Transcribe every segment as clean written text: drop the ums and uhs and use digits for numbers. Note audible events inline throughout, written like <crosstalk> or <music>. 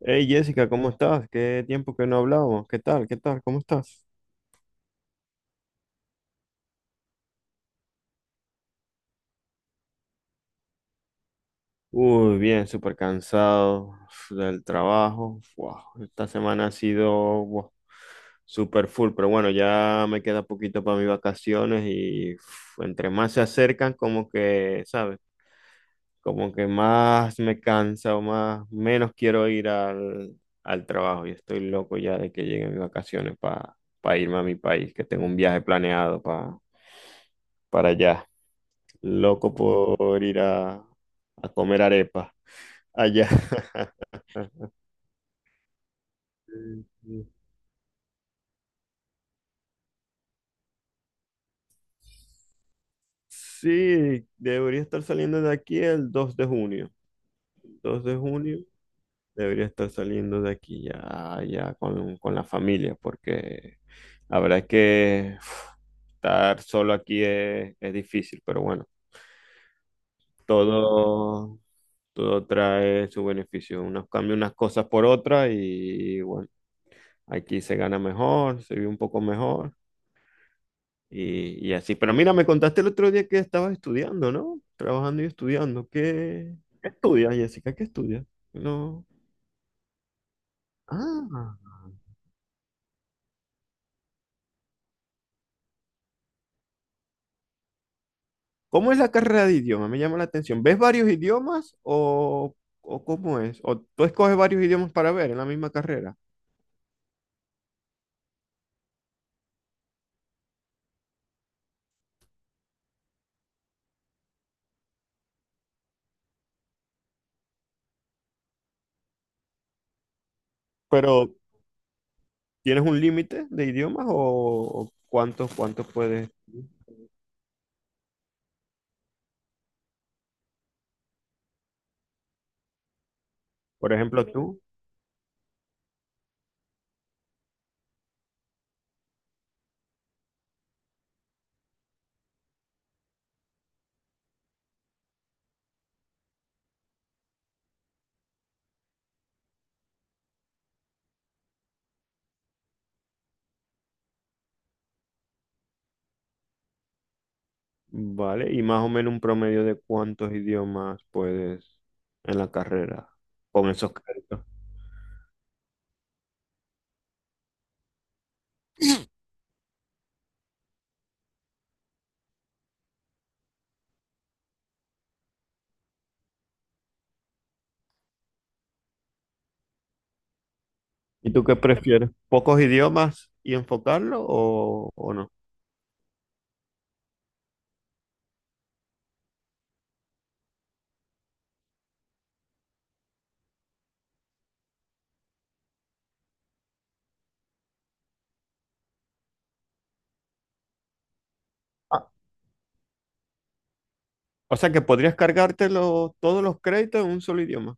Hey Jessica, ¿cómo estás? Qué tiempo que no hablábamos. ¿Qué tal? ¿Qué tal? ¿Cómo estás? Uy, bien, súper cansado del trabajo. Wow, esta semana ha sido, wow, súper full, pero bueno, ya me queda poquito para mis vacaciones y uf, entre más se acercan, como que, ¿sabes? Como que más me cansa o más, menos quiero ir al trabajo. Y estoy loco ya de que lleguen mis vacaciones para irme a mi país, que tengo un viaje planeado para allá. Loco por ir a comer arepa allá. <laughs> Sí, debería estar saliendo de aquí el 2 de junio. 2 de junio debería estar saliendo de aquí ya, ya con la familia, porque la verdad es que uf, estar solo aquí es difícil, pero bueno, todo, todo trae su beneficio. Uno cambia unas cosas por otras y bueno, aquí se gana mejor, se vive un poco mejor. Y así. Pero mira, me contaste el otro día que estabas estudiando, ¿no? Trabajando y estudiando. ¿Qué estudias, Jessica? ¿Qué estudias? No. Ah. ¿Cómo es la carrera de idiomas? Me llama la atención. ¿Ves varios idiomas o cómo es? ¿O tú escoges varios idiomas para ver en la misma carrera? Pero ¿tienes un límite de idiomas o cuántos, cuántos puedes? Por ejemplo, tú, ¿vale? Y más o menos un promedio de cuántos idiomas puedes en la carrera con esos créditos. ¿Y tú qué prefieres? ¿Pocos idiomas y enfocarlo o no? Ah, o sea que podrías cargártelo todos los créditos en un solo idioma.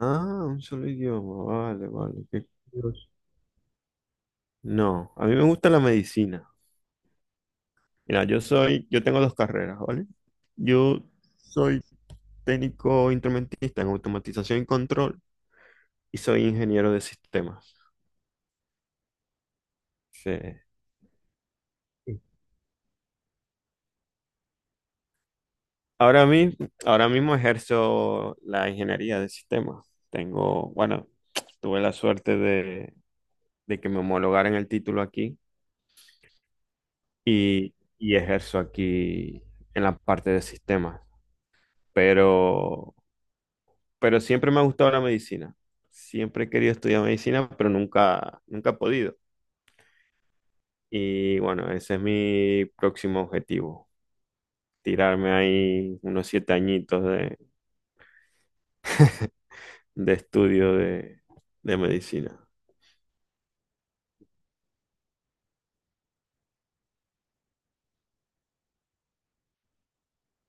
Ah, un solo idioma. Vale, vale. Qué curioso. No, a mí me gusta la medicina. Mira, yo soy, yo tengo dos carreras, ¿vale? Yo soy técnico instrumentista en automatización y control y soy ingeniero de sistemas. Sí. Ahora mi- ahora mismo ejerzo la ingeniería de sistemas. Tengo, bueno, tuve la suerte de que me homologaran el título aquí y ejerzo aquí en la parte de sistemas. Pero, pero siempre me ha gustado la medicina. Siempre he querido estudiar medicina, pero nunca, nunca he podido. Y bueno, ese es mi próximo objetivo, tirarme ahí unos siete añitos de estudio de medicina.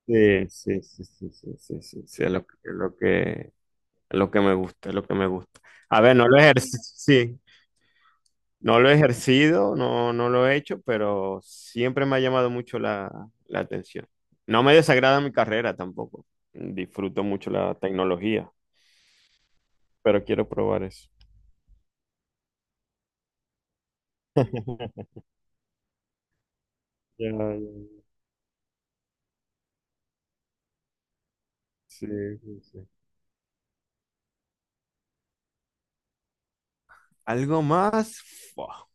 Sí, sí, sí, sí, sí, sí, sí, sí, es lo que me gusta, es lo que me gusta. A ver, no lo he ejercido, no, no lo he hecho, pero siempre me ha llamado mucho la atención. No me desagrada mi carrera tampoco. Disfruto mucho la tecnología, pero quiero probar eso. <laughs> Ya, ya, sí, sí, sí. ¿Algo más? Fua,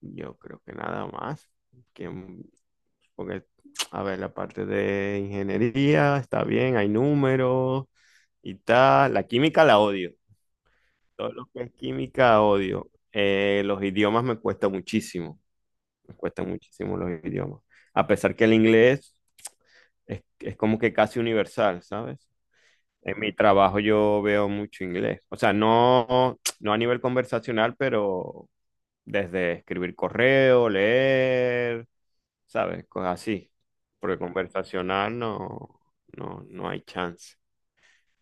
yo creo que nada más. Que Porque, a ver, la parte de ingeniería está bien, hay números y tal. La química la odio. Todo lo que es química odio. Los idiomas me cuesta muchísimo. Me cuesta muchísimo los idiomas. A pesar que el inglés es como que casi universal, ¿sabes? En mi trabajo yo veo mucho inglés. O sea, no, no a nivel conversacional, pero desde escribir correo, leer, ¿sabes? Cosas así. Porque conversacional no, no, no hay chance.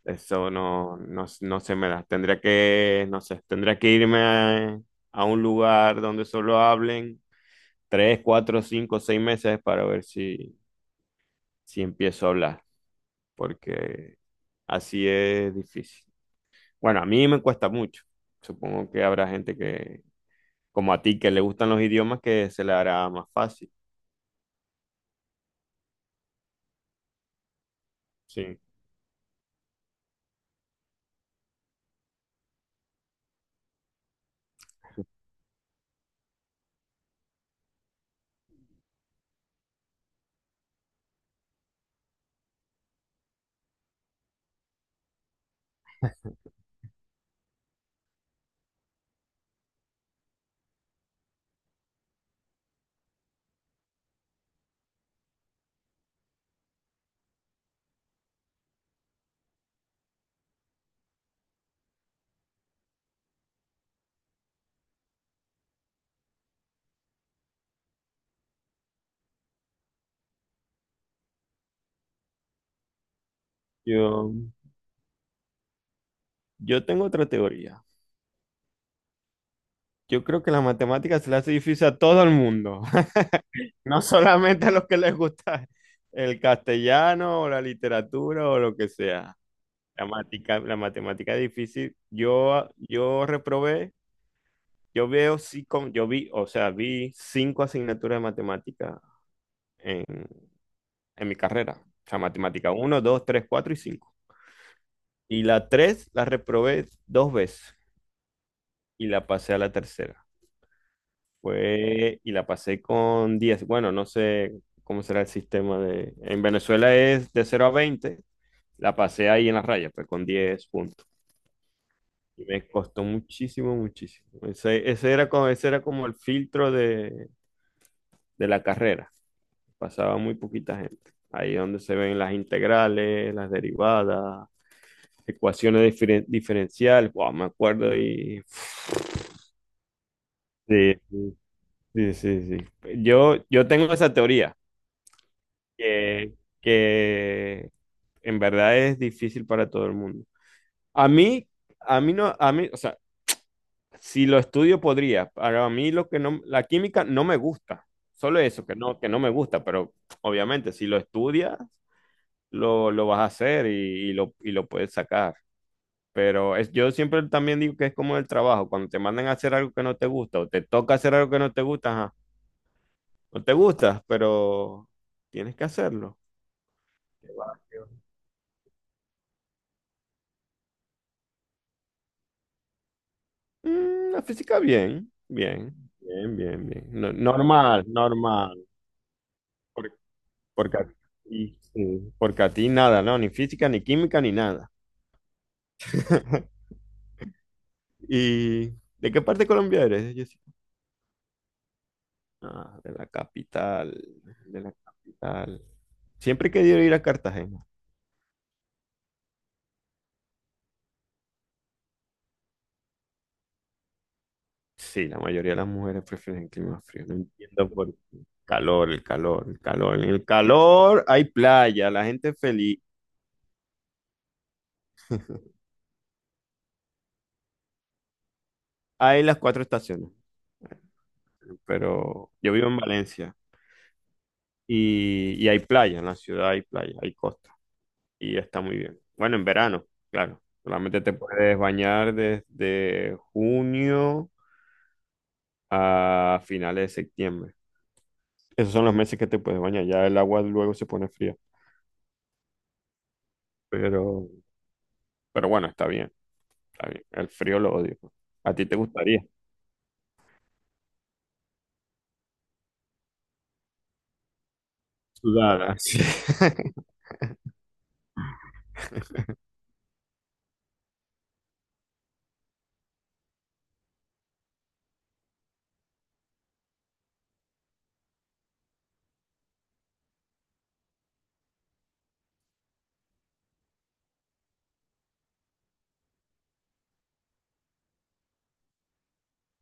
Eso no, no, no se me da. Tendría que, no sé, tendría que irme a un lugar donde solo hablen tres, cuatro, cinco, seis meses para ver si, si empiezo a hablar. Porque así es difícil. Bueno, a mí me cuesta mucho. Supongo que habrá gente que, como a ti, que le gustan los idiomas, que se le hará más fácil. Sí, yo, yo tengo otra teoría. Yo creo que la matemática se le hace difícil a todo el mundo, <laughs> no solamente a los que les gusta el castellano o la literatura o lo que sea. La matemática es difícil. Yo, ah, yo reprobé, yo veo sí, con- yo vi, o sea, vi cinco asignaturas de matemática en, en mi carrera. O sea, matemática uno, 2, 3, 4 y 5. Y la 3 la reprobé dos veces y la pasé a la tercera. Y la pasé con 10. Bueno, no sé cómo será el sistema de... En Venezuela es de cero a 20. La pasé ahí en la raya, pues con 10 puntos. Y me costó muchísimo, muchísimo. Ese era como, ese era como el filtro de la carrera. Pasaba muy poquita gente. Ahí es donde se ven las integrales, las derivadas, ecuaciones diferenciales. Wow, me acuerdo y... Sí, sí, sí, sí. Sí. Yo tengo esa teoría que, que en verdad es difícil para todo el mundo. A mí, a mí no, a mí, o sea, si lo estudio podría, para mí lo que no, la química no me gusta, solo eso, que no me gusta, pero obviamente si lo estudias, lo vas a hacer y, y lo puedes sacar. Pero es, yo siempre también digo que es como el trabajo, cuando te mandan a hacer algo que no te gusta o te toca hacer algo que no te gusta, ajá, no te gusta, pero tienes que hacerlo. Qué va, qué va. Mm, la física bien, bien, bien, bien, bien. Normal, normal. Por- porque, a- sí, porque a ti nada, ¿no? Ni física, ni química, ni nada. <laughs> ¿Y de qué parte de Colombia eres, Jessica? Ah, de la capital, de la capital. Siempre he querido ir a Cartagena. Sí, la mayoría de las mujeres prefieren el clima frío. No entiendo por qué. Calor, el calor, el calor. En el calor hay playa, la gente es feliz. Hay las cuatro estaciones, pero yo vivo en Valencia. Y, y hay playa, en la ciudad hay playa, hay costa y está muy bien. Bueno, en verano, claro. Solamente te puedes bañar desde junio a finales de septiembre. Esos son los meses que te puedes bañar. Ya el agua luego se pone fría. Pero, pero bueno, está bien, está bien. El frío lo odio. ¿A ti te gustaría? Sudar, así. <laughs>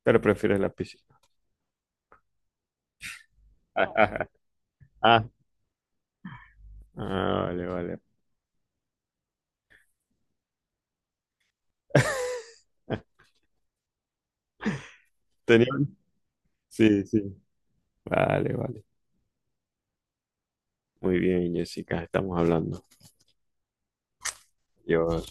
Pero prefieres la piscina. <laughs> Ah, ah, vale, vale. <laughs> Tenía... Sí, sí. Vale, vale. Muy bien, Jessica, estamos hablando. Yo